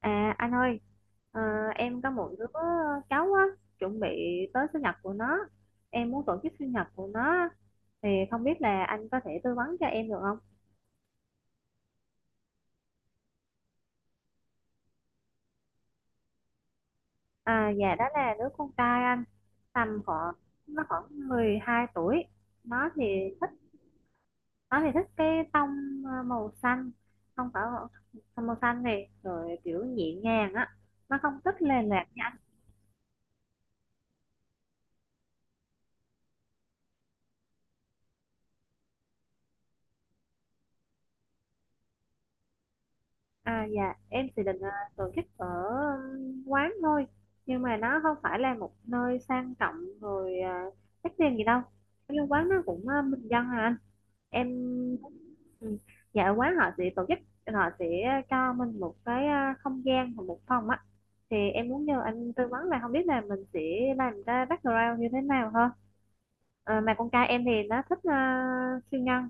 À anh ơi, ờ, em có một đứa cháu á, chuẩn bị tới sinh nhật của nó. Em muốn tổ chức sinh nhật của nó thì không biết là anh có thể tư vấn cho em được không? À dạ đó là đứa con trai anh, tầm khoảng nó khoảng 12 tuổi. Nó thì thích nó thì thích cái tông màu xanh, không phải tông màu xanh này rồi kiểu nhẹ nhàng á. Nó không thích lề lạc. À dạ, em thì định tổ chức ở quán thôi. Nhưng mà nó không phải là một nơi sang trọng rồi uh, đắt tiền gì đâu. Cái quán nó cũng bình dân à anh. Em ừ. Dạ ở quán họ sẽ tổ chức. Họ sẽ cho mình một cái không gian và một phòng á. Thì em muốn nhờ anh tư vấn là không biết là mình sẽ làm ra background như thế nào hơn. Mà con trai em thì nó thích siêu nhân.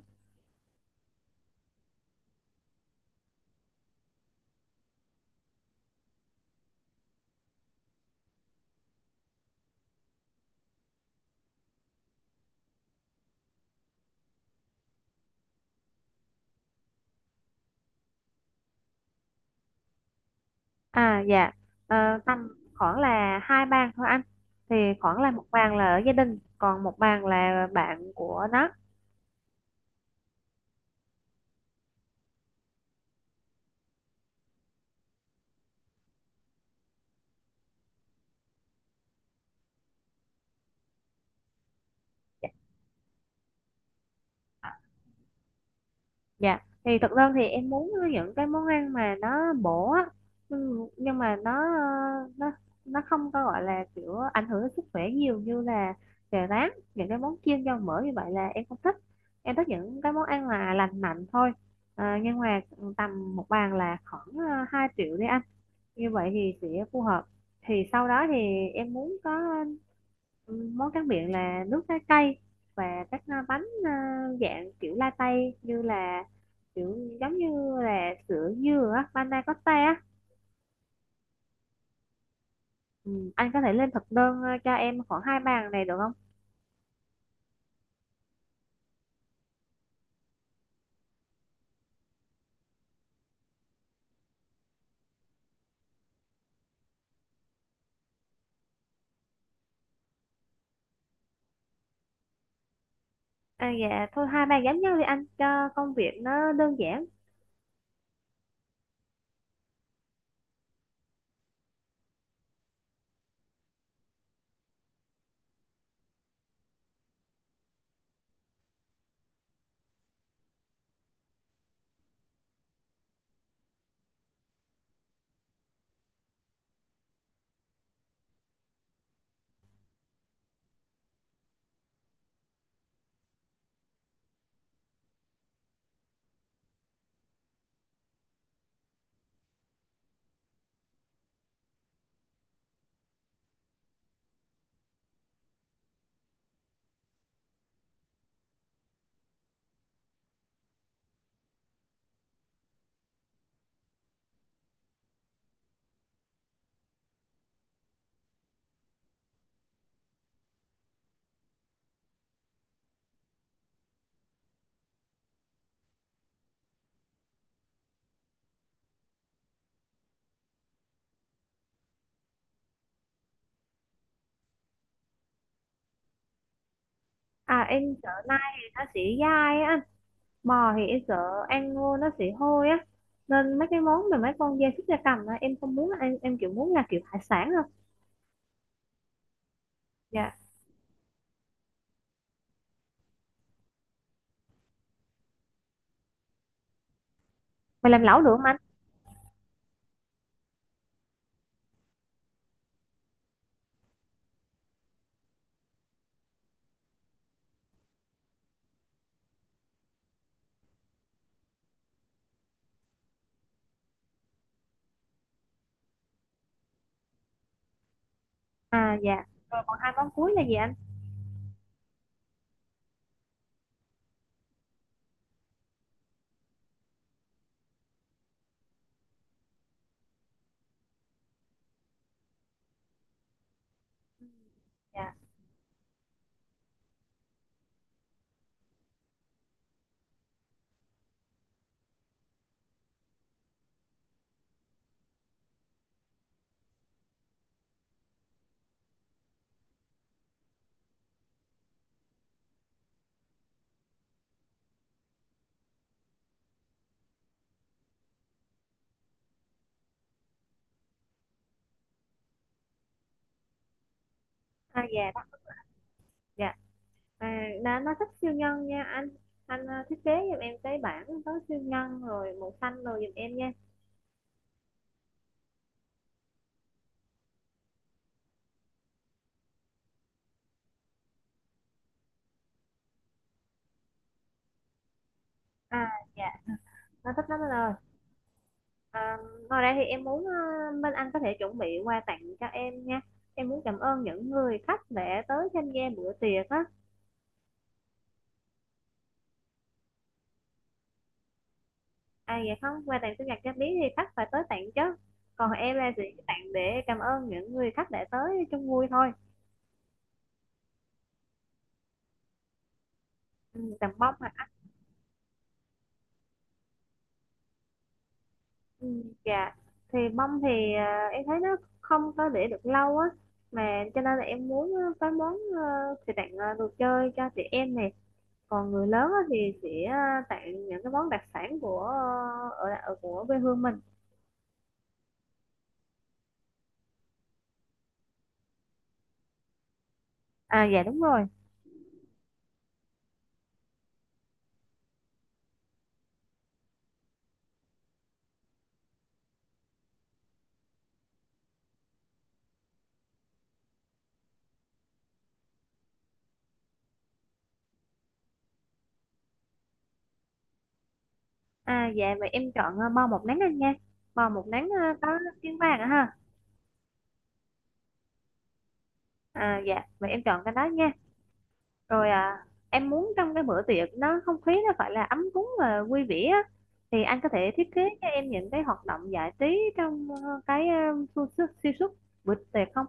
À dạ. Ờ, Tầm khoảng là hai bàn thôi anh, thì khoảng là một bàn là ở gia đình còn một bàn là bạn của nó. Dạ thì thực ra thì em muốn những cái món ăn mà nó bổ á, nhưng mà nó ờ, nó nó không có gọi là kiểu ảnh hưởng đến sức khỏe nhiều như là chè rán, những cái món chiên dầu mỡ như vậy là em không thích. Em thích những cái món ăn là lành mạnh thôi. Nhưng mà tầm một bàn là khoảng 2 triệu đi anh, như vậy thì sẽ phù hợp. Thì sau đó thì em muốn có ừ, món tráng miệng là nước trái cây và các bánh dạng kiểu latte, như là kiểu giống như là sữa dừa á, panna cotta á. Ừ, anh có thể lên thực đơn cho em khoảng hai bàn này được không? À, dạ thôi hai bàn giống nhau đi anh cho công việc nó đơn giản. À em sợ nay thì nó sẽ dai á, bò thì em sợ ăn vô nó sẽ hôi á, nên mấy cái món mà mấy con gia súc gia cầm á em không muốn ăn, em kiểu muốn là kiểu hải sản thôi. Dạ mày làm lẩu được không anh? À dạ. Rồi còn hai món cuối là gì anh? Ừ, dạ. À dạ đó. Dạ. À, nó thích siêu nhân nha anh thiết kế giùm em cái bảng có siêu nhân rồi màu xanh rồi giùm em nha. À dạ, nó thích lắm anh ơi. À, ngoài ra thì em muốn bên anh có thể chuẩn bị quà tặng cho em nha, em muốn cảm ơn những người khách đã tới tham gia bữa tiệc á. À dạ không, quà tặng sinh nhật cho Lý thì khách phải tới tặng chứ. Còn em là chỉ tặng để cảm ơn những người khách đã tới chung vui thôi. Ừ, tặng bông hả? Ừ, dạ. Thì bông thì em thấy nó không có để được lâu á. Mà cho nên là em muốn có món thì tặng đồ chơi cho chị em này. Còn người lớn á, thì sẽ tặng những cái món đặc sản của ở của quê hương mình. À dạ đúng rồi. À dạ mà em chọn bò một nắng anh nha. Bò một nắng có tiếng vàng á ha. À, dạ, vậy em chọn cái đó nha. Rồi à, em muốn trong cái bữa tiệc nó không khí nó phải là ấm cúng và vui vẻ á. Thì anh có thể thiết kế cho em những cái hoạt động giải trí trong ờ, cái ờ, su- su- suy suốt bữa tiệc không?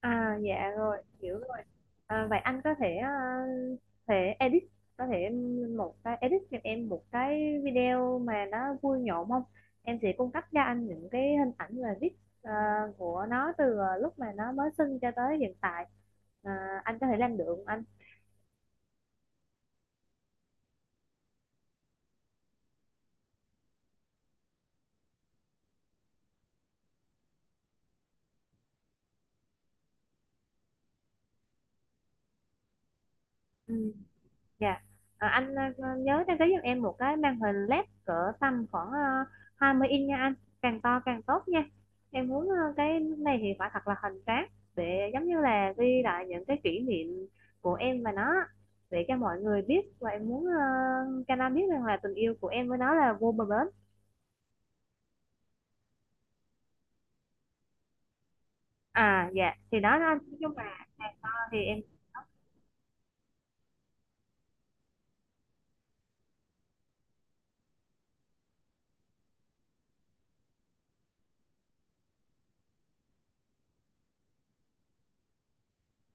À dạ rồi, hiểu rồi. À, vậy anh có thể ờ, thể edit có thể một cái edit cho em một cái video mà nó vui nhộn không? Em sẽ cung cấp cho anh những cái hình ảnh và viết ờ, của nó từ lúc mà nó mới sinh cho tới hiện tại. À, anh có thể làm được không anh? Ừ. Dạ. Anh nhớ đăng ký giùm em một cái màn hình LED cỡ tầm khoảng 20 inch nha anh. Càng to càng tốt nha. Em muốn cái này thì phải thật là hoành tráng để giống như là ghi lại những cái kỷ niệm của em và nó để cho mọi người biết và em muốn cho nó biết rằng là tình yêu của em với nó là vô bờ bến. À dạ, thì đó đó anh. Nói chung là càng to thì em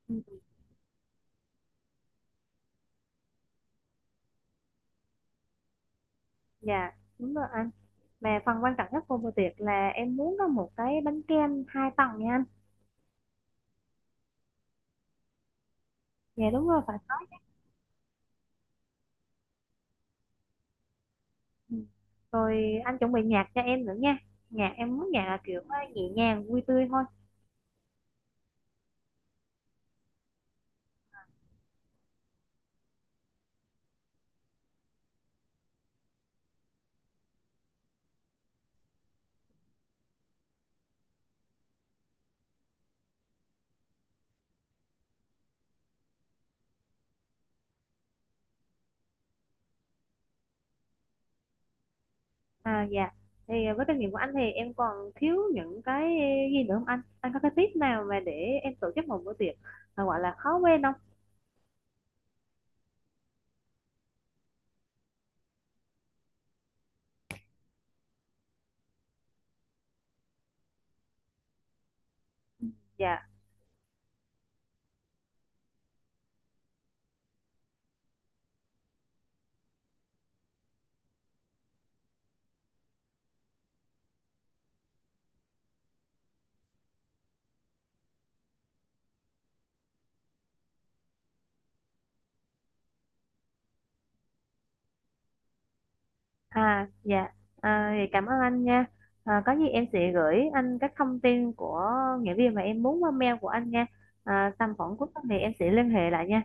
ừ. Dạ, đúng rồi anh. Mà phần quan trọng nhất của bữa tiệc là em muốn có một cái bánh kem hai tầng nha anh. Dạ đúng rồi, phải. Ừ. Rồi anh chuẩn bị nhạc cho em nữa nha. Nhạc em muốn nhạc là kiểu nhẹ nhàng, vui tươi thôi. À dạ. Thì với kinh nghiệm của anh thì em còn thiếu những cái gì nữa không anh? Anh có cái tip nào mà để em tổ chức một bữa tiệc mà gọi là khó quên không? Dạ. À dạ. À, thì cảm ơn anh nha. À, có gì em sẽ gửi anh các thông tin của nghĩa viên mà em muốn qua mail của anh nha. À, tầm khoảng cuối tuần thì em sẽ liên hệ lại nha.